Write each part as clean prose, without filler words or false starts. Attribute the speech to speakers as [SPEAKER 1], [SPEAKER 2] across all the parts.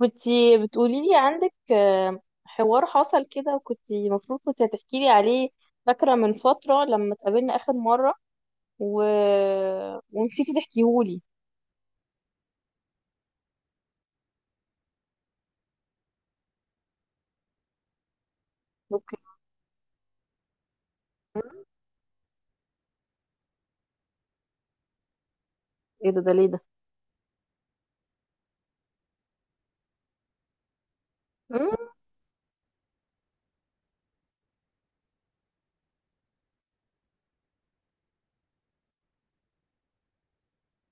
[SPEAKER 1] كنتي بتقولي لي عندك حوار حصل كده، وكنتي المفروض كنت هتحكي لي عليه. فاكرة من فترة لما اتقابلنا آخر مرة و... ونسيتي تحكيهولي. اوكي. ايه ده؟ ليه ده؟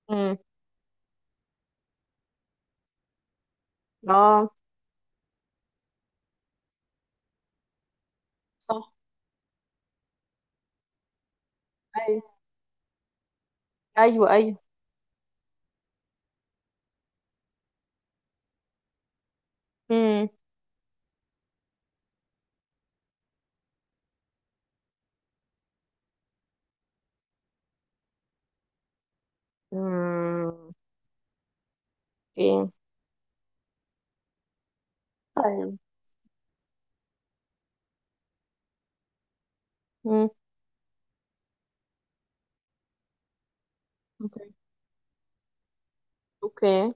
[SPEAKER 1] امم. اه. صح. ايوه، ايوه، ايوه. امم. امم. ايه. طيب. امم. اوكي. اوكي.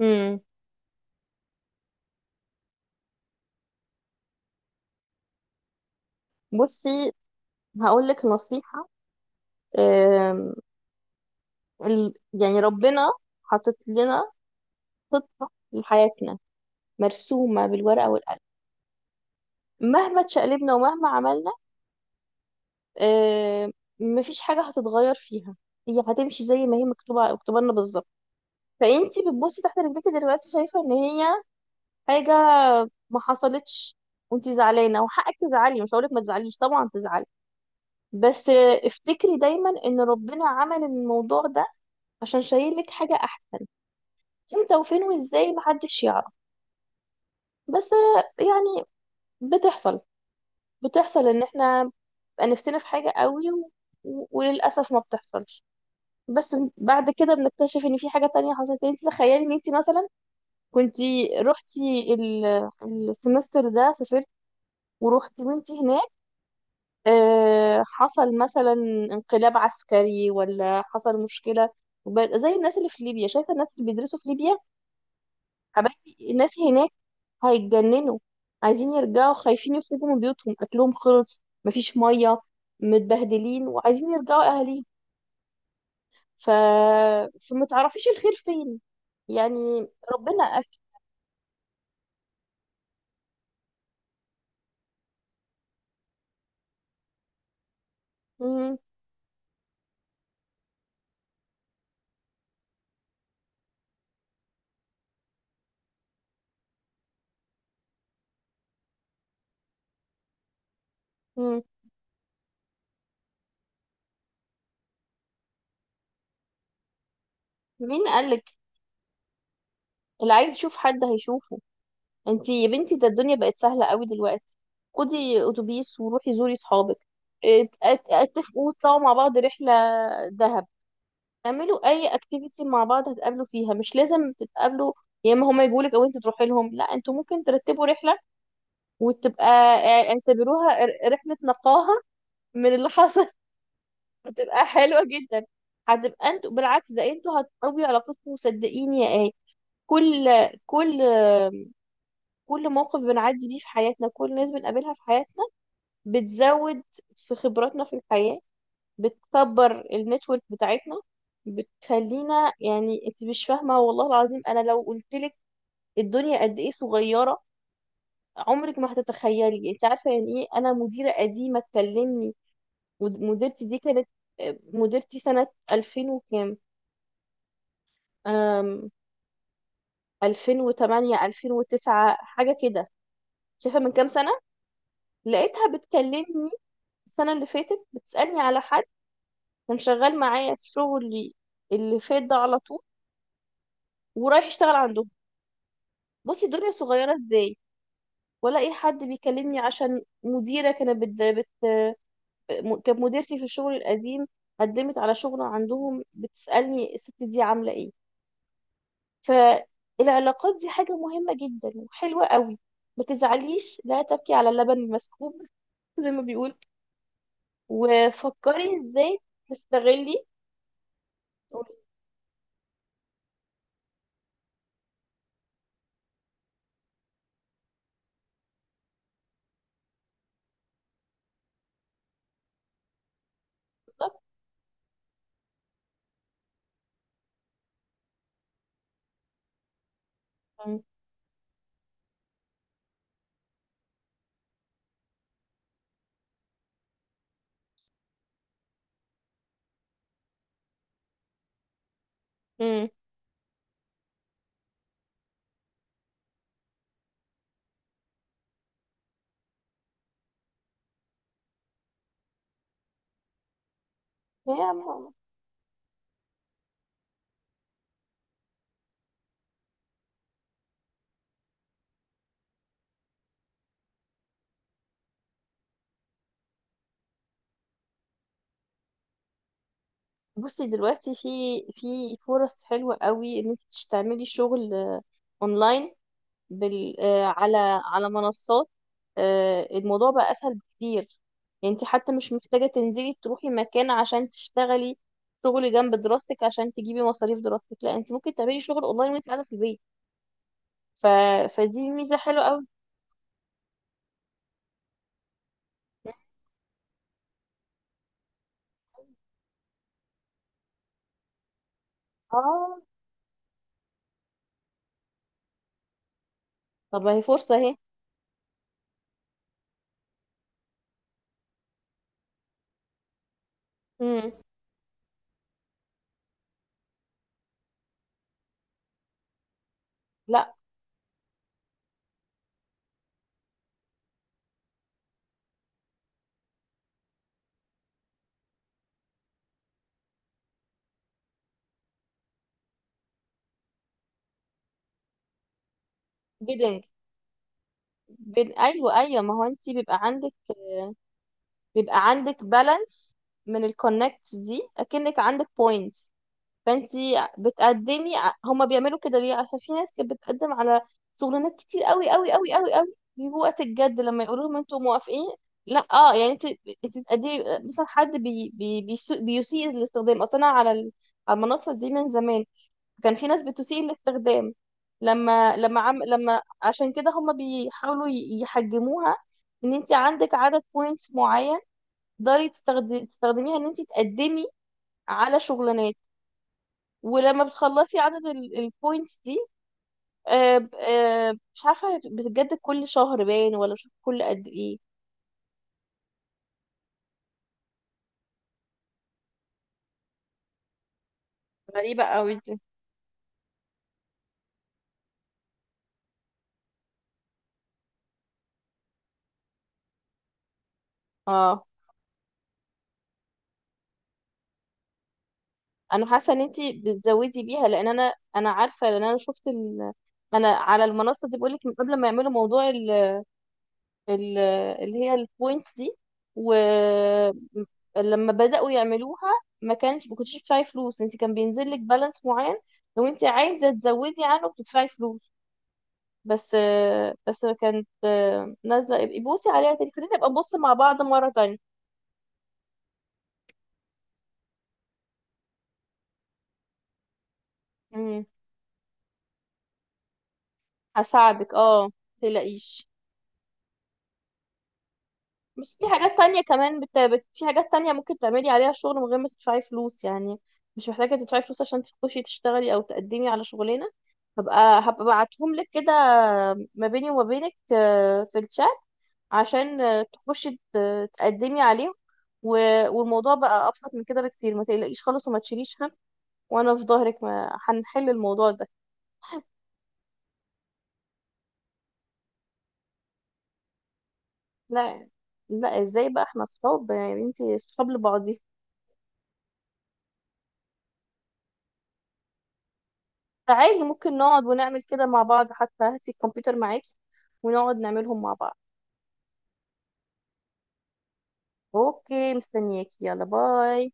[SPEAKER 1] امم. بصي، هقول لك نصيحة. آم، يعني ربنا حاطط لنا خطة لحياتنا مرسومة بالورقة والقلم، مهما تشقلبنا ومهما عملنا آه، مفيش حاجة هتتغير فيها. هي هتمشي زي ما هي مكتوبة، مكتوبة لنا بالظبط. فانتي بتبصي تحت رجلك دلوقتي، شايفة ان هي حاجة ما حصلتش، وانتي زعلانة وحقك تزعلي. مش هقولك ما تزعليش، طبعا تزعلي. بس افتكري دايما ان ربنا عمل الموضوع ده عشان شايل لك حاجة احسن. امتى وفين وازاي محدش يعرف. بس يعني بتحصل بتحصل ان احنا بقى نفسنا في حاجة قوي، و- وللأسف ما بتحصلش. بس بعد كده بنكتشف ان في حاجة تانية حصلت. يعني انت تخيلي ان انت مثلا كنتي رحتي ال- السمستر ده، سافرت ورحتي وانت هناك، حصل مثلا انقلاب عسكري، ولا حصل مشكلة، زي الناس اللي في ليبيا. شايفة الناس اللي بيدرسوا في ليبيا، حبايبي الناس هناك هيتجننوا، عايزين يرجعوا، خايفين يخرجوا من بيوتهم، اكلهم خلص، مفيش مية، متبهدلين وعايزين يرجعوا اهاليهم. ف... فما تعرفيش الخير فين. يعني ربنا أكل. مم. مم. مين قالك؟ اللي عايز يشوف حد هيشوفه. انتي يا بنتي ده الدنيا بقت سهلة قوي دلوقتي. خدي اتوبيس وروحي زوري صحابك. اتفقوا تطلعوا مع بعض رحلة دهب. اعملوا اي اكتيفيتي مع بعض هتقابلوا فيها، مش لازم تتقابلوا يا اما هما يجولك او انت تروحي لهم. لا، انتوا ممكن ترتبوا رحلة، وتبقى اعتبروها رحلة نقاهة من اللي حصل. هتبقى حلوة جدا. هتبقى انتوا بالعكس، ده انتوا هتقوي علاقتكم. وصدقيني يا ايه، كل، كل، كل موقف بنعدي بيه في حياتنا، كل ناس بنقابلها في حياتنا بتزود في خبراتنا في الحياة، بتكبر النتورك بتاعتنا، بتخلينا يعني. انت مش فاهمة، والله العظيم انا لو قلتلك الدنيا قد ايه صغيرة عمرك ما هتتخيلي. انت عارفة يعني ايه انا مديرة قديمة تكلمني؟ مديرتي دي كانت مديرتي سنة 2000 وكام، 2008 2009 حاجة كده. شايفة من كام سنة؟ لقيتها بتكلمني السنة اللي فاتت، بتسألني على حد كان شغال معايا في شغلي اللي فات ده، على طول، ورايح يشتغل عندهم. بصي الدنيا صغيرة ازاي. ولا اي حد بيكلمني عشان مديرة كانت بت... بت... م- كانت مديرتي في الشغل القديم، قدمت على شغل عندهم، بتسألني الست دي عاملة ايه. فالعلاقات دي حاجة مهمة جدا وحلوة قوي. ما تزعليش، لا تبكي على اللبن المسكوب زي ما بيقول، وفكري ازاي تستغلي. بالظبط. مم. مم. هي م- بصي دلوقتي في فرص حلوة قوي ان انت تعملي شغل اونلاين، بال آه، على منصات. الموضوع بقى اسهل بكتير. يعني انت حتى مش محتاجة تنزلي تروحي مكان عشان تشتغلي شغل جنب دراستك عشان تجيبي مصاريف دراستك. لا، انت ممكن تعملي شغل اونلاين وانت قاعدة في البيت. ف... فدي ميزة حلوة قوي. اه. طب ما هي فرصة اهي. مم. لا. بيدنج، ايوه، ايوه. ما هو انت بيبقى عندك بالانس من الكونكتس دي، اكنك عندك بوينت. فانت بتقدمي هما بيعملوا كده ليه؟ عشان في ناس كانت بتقدم على شغلانات كتير قوي قوي قوي قوي قوي، بيجوا وقت الجد لما يقولوا لهم انتوا موافقين، لا. اه يعني انت بتقدمي مثلا حد بيسيء الاستخدام. اصلا أنا على على المنصه دي من زمان، كان في ناس بتسيء الاستخدام. لما عشان كده هم بيحاولوا يحجموها، ان انت عندك عدد بوينتس معين تقدري تستخدميها ان انت تقدمي على شغلانات. ولما بتخلصي عدد البوينتس دي، مش عارفه بتتجدد كل شهر باين ولا مش عارفة كل قد ايه. غريبة قوي دي. اه، انا حاسه ان انت بتزودي بيها، لان انا عارفه، لان انا شفت انا على المنصه دي بقولك من قبل ما يعملوا موضوع ال- اللي هي البوينتس دي. ولما بدأوا يعملوها، ما كنتش بتدفعي فلوس، انت كان بينزل لك بالانس معين، لو انت عايزة تزودي عنه بتدفعي فلوس. بس بس كانت نازلة. ابقي بوسي عليها تاني، خلينا نبقى نبص مع بعض مرة تانية. مم. هساعدك، اه، متقلقيش. بس في حاجات تانية كمان في حاجات تانية ممكن تعملي عليها شغل من غير ما تدفعي فلوس يعني. مش محتاجة تدفعي فلوس عشان تخشي تشتغلي أو تقدمي على شغلانة. هبقى ابعتهم لك كده، ما بيني وما بينك في الشات، عشان تخشي تقدمي عليهم. والموضوع بقى أبسط من كده بكتير. ما تقلقيش خالص وما تشيليش هم، وأنا في ظهرك. ما هنحل الموضوع ده. لا، لا، ازاي؟ بقى احنا صحاب يعني، انتي صحاب لبعض. فعادي ممكن نقعد ونعمل كده مع بعض، حتى هاتي الكمبيوتر معاكي ونقعد نعملهم مع بعض. اوكي، مستنياكي. يلا، باي.